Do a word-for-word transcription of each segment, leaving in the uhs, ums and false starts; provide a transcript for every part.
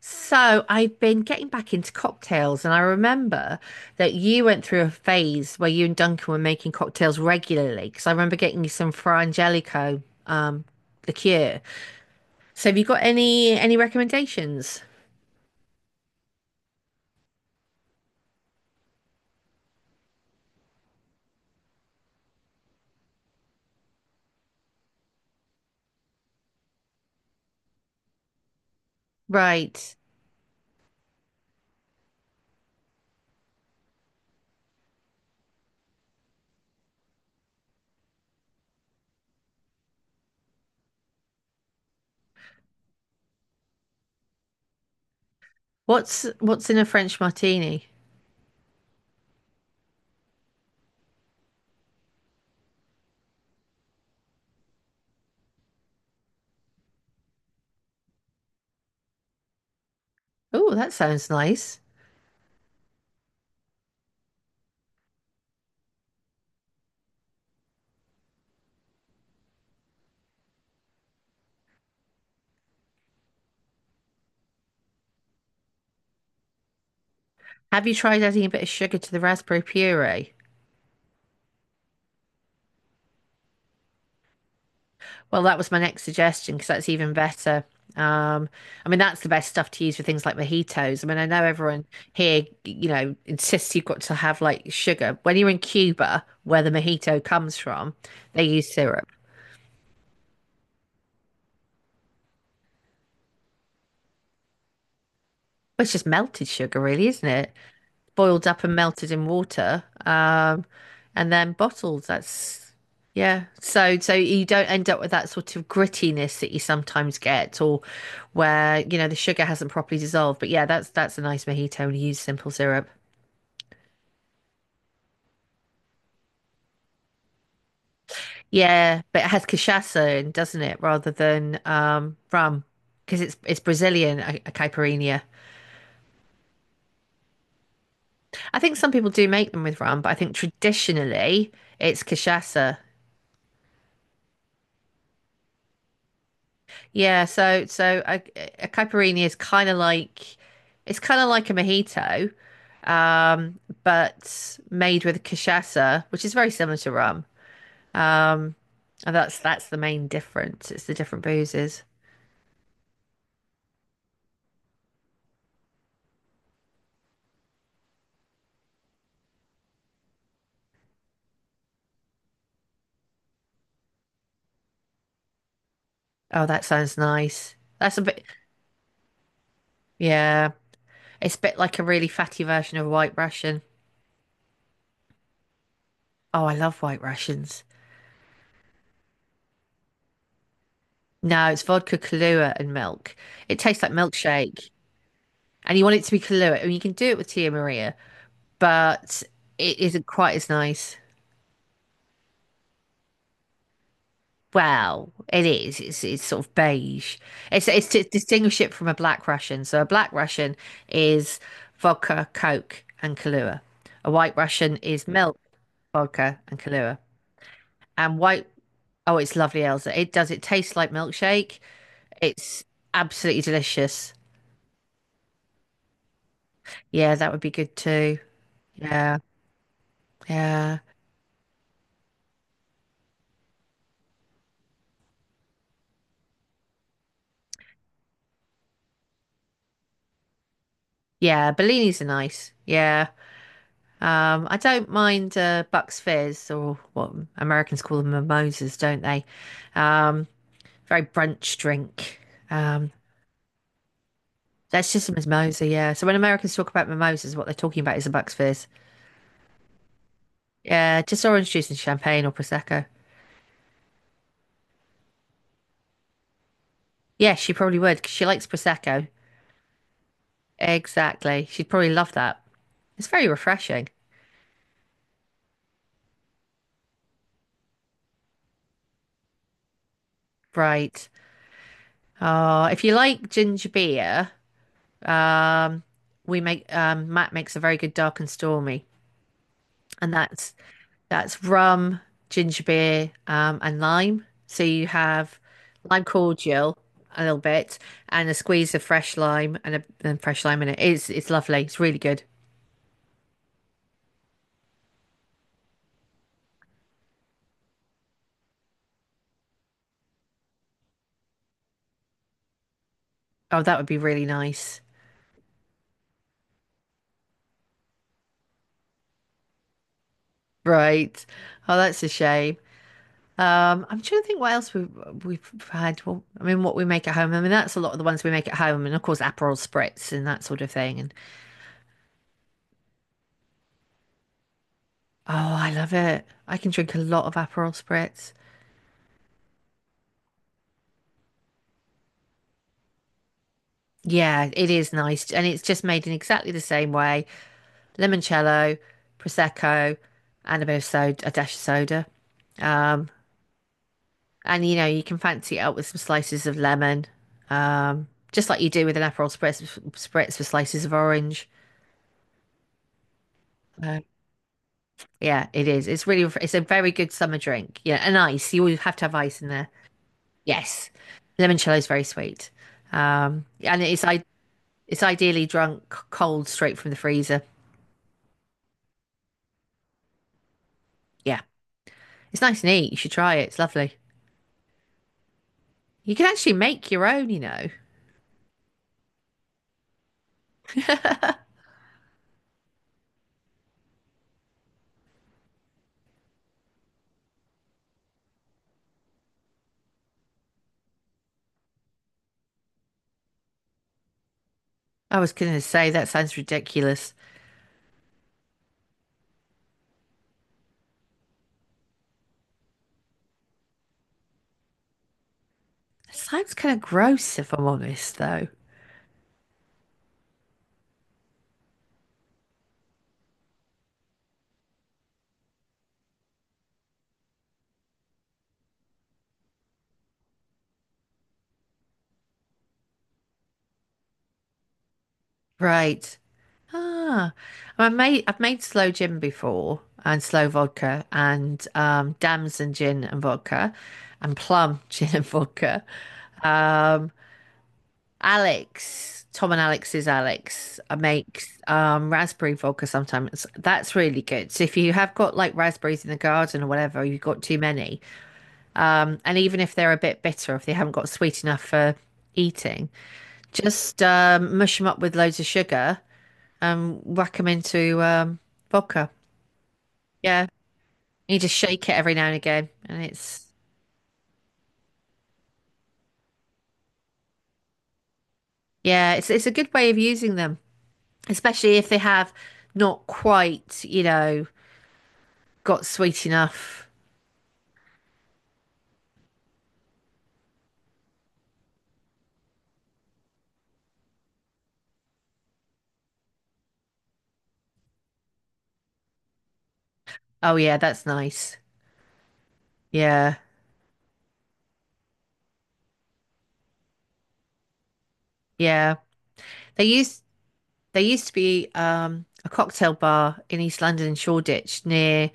So I've been getting back into cocktails, and I remember that you went through a phase where you and Duncan were making cocktails regularly. Because I remember getting you some Fra Angelico um, liqueur. So have you got any any recommendations? Right. What's what's in a French martini? Oh, that sounds nice. Have you tried adding a bit of sugar to the raspberry puree? Well, that was my next suggestion because that's even better. Um, I mean, that's the best stuff to use for things like mojitos. I mean, I know everyone here, you know, insists you've got to have like sugar. When you're in Cuba, where the mojito comes from, they use syrup. Well, it's just melted sugar, really, isn't it? Boiled up and melted in water, um, and then bottled. That's yeah. So so you don't end up with that sort of grittiness that you sometimes get, or where you know the sugar hasn't properly dissolved. But yeah, that's that's a nice mojito when you use simple syrup. Yeah, but it has cachaça in, doesn't it, rather than um, rum. Because it's it's Brazilian a, a caipirinha. I think some people do make them with rum, but I think traditionally it's cachaça. Yeah, so so a, a caipirinha is kind of like it's kind of like a mojito, um, but made with cachaça, which is very similar to rum. Um, and that's that's the main difference. It's the different boozes. Oh, that sounds nice. That's a bit, yeah. It's a bit like a really fatty version of White Russian. Oh, I love White Russians. No, it's vodka, Kahlua, and milk. It tastes like milkshake, and you want it to be Kahlua, and you can do it with Tia Maria. But it isn't quite as nice. Well, it is. It's it's sort of beige. It's it's to distinguish it from a black Russian. So a black Russian is vodka, Coke, and Kahlua. A white Russian is milk, vodka, and Kahlua. And white, oh, it's lovely, Elsa. It does. It tastes like milkshake. It's absolutely delicious. Yeah, that would be good too. Yeah, yeah, yeah. Bellinis are nice. Yeah. Um, I don't mind uh, Bucks Fizz, or what Americans call them, mimosas, don't they? Um, very brunch drink. Um, that's just a mimosa, yeah. So when Americans talk about mimosas, what they're talking about is a Bucks Fizz. Yeah, just orange juice and champagne or prosecco. Yeah, she probably would because she likes prosecco. Exactly, she'd probably love that. It's very refreshing, right? Uh, if you like ginger beer, um, we make um, Matt makes a very good dark and stormy, and that's that's rum, ginger beer, um, and lime. So you have lime cordial, a little bit, and a squeeze of fresh lime, and a and fresh lime in it. It's it's lovely. It's really good. Oh, that would be really nice. Right. Oh, that's a shame. Um, I'm trying to think what else we we've had. Well, I mean, what we make at home. I mean, that's a lot of the ones we make at home, and of course, Aperol spritz and that sort of thing. And oh, I love it. I can drink a lot of Aperol spritz. Yeah, it is nice, and it's just made in exactly the same way. Limoncello, prosecco, and a bit of soda, a dash of soda. Um, and you know, you can fancy it up with some slices of lemon, um, just like you do with an Aperol spritz, spritz with slices of orange. Uh, yeah, it is. It's really, it's a very good summer drink. Yeah, and ice. You always have to have ice in there. Yes, limoncello is very sweet, um, and it's i it's ideally drunk c- cold straight from the freezer. Yeah, it's nice and neat. You should try it. It's lovely. You can actually make your own, you know. I was going to say that sounds ridiculous. It sounds kind of gross, if I'm honest, though. Right. Ah, I made I've made slow gin before and slow vodka and um, damson gin and vodka and plum gin and vodka. Um, Alex, Tom and Alex's Alex uh, makes um, raspberry vodka sometimes. That's really good. So if you have got like raspberries in the garden or whatever, you've got too many. Um, and even if they're a bit bitter, if they haven't got sweet enough for eating, just um, mush them up with loads of sugar and whack them into um, vodka. Yeah, you just shake it every now and again, and it's yeah, it's it's a good way of using them, especially if they have not quite, you know, got sweet enough. Oh yeah, that's nice. Yeah, yeah. They used they used to be um, a cocktail bar in East London, in Shoreditch, near,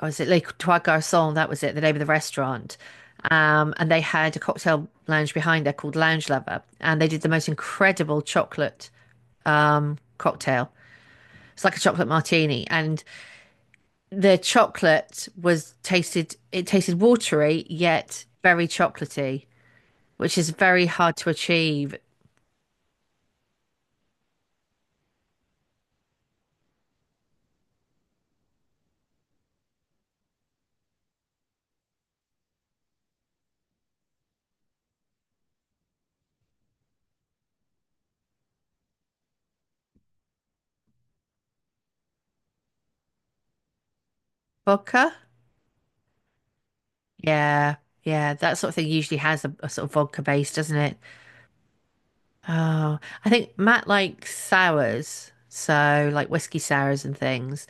or was it Les Trois Garçons? That was it, the name of the restaurant. Um, and they had a cocktail lounge behind there called Lounge Lover, and they did the most incredible chocolate um, cocktail. It's like a chocolate martini, and the chocolate was tasted. It tasted watery yet very chocolatey, which is very hard to achieve. Vodka, yeah, yeah, that sort of thing usually has a, a sort of vodka base, doesn't it? Oh, I think Matt likes sours, so like whiskey sours and things.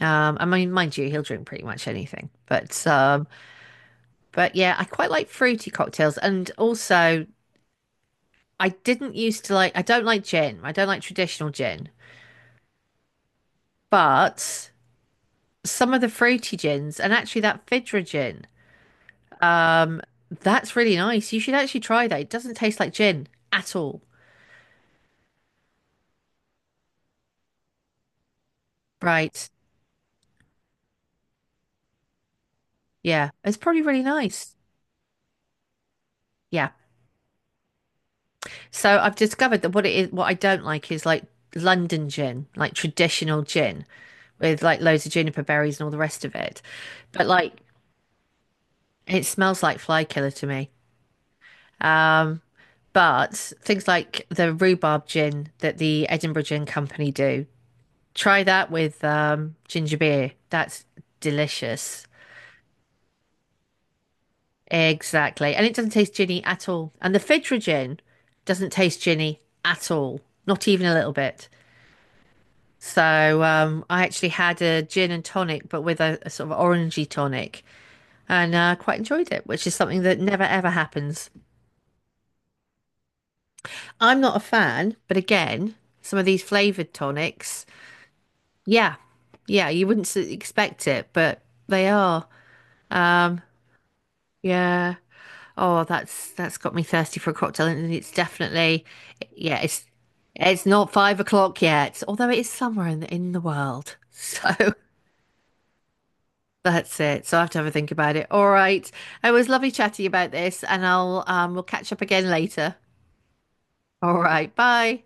Um, I mean, mind you, he'll drink pretty much anything. But um, but yeah, I quite like fruity cocktails, and also I didn't used to like. I don't like gin. I don't like traditional gin, but some of the fruity gins, and actually that Fidra gin, um, that's really nice. You should actually try that. It doesn't taste like gin at all, right? Yeah, it's probably really nice. Yeah. So I've discovered that what it is, what I don't like is like London gin, like traditional gin with like loads of juniper berries and all the rest of it. But like it smells like fly killer to me. Um, but things like the rhubarb gin that the Edinburgh Gin Company do, try that with um, ginger beer. That's delicious. Exactly. And it doesn't taste ginny at all. And the Fidra gin doesn't taste ginny at all, not even a little bit. So um, I actually had a gin and tonic, but with a, a sort of orangey tonic, and uh, quite enjoyed it, which is something that never ever happens. I'm not a fan, but again, some of these flavored tonics, yeah, yeah, you wouldn't expect it, but they are. Um, yeah. Oh, that's that's got me thirsty for a cocktail, and it's definitely, yeah, it's it's not five o'clock yet, although it is somewhere in the in the world. So that's it. So I have to have a think about it. All right. It was lovely chatting about this, and I'll um we'll catch up again later. All right. Bye.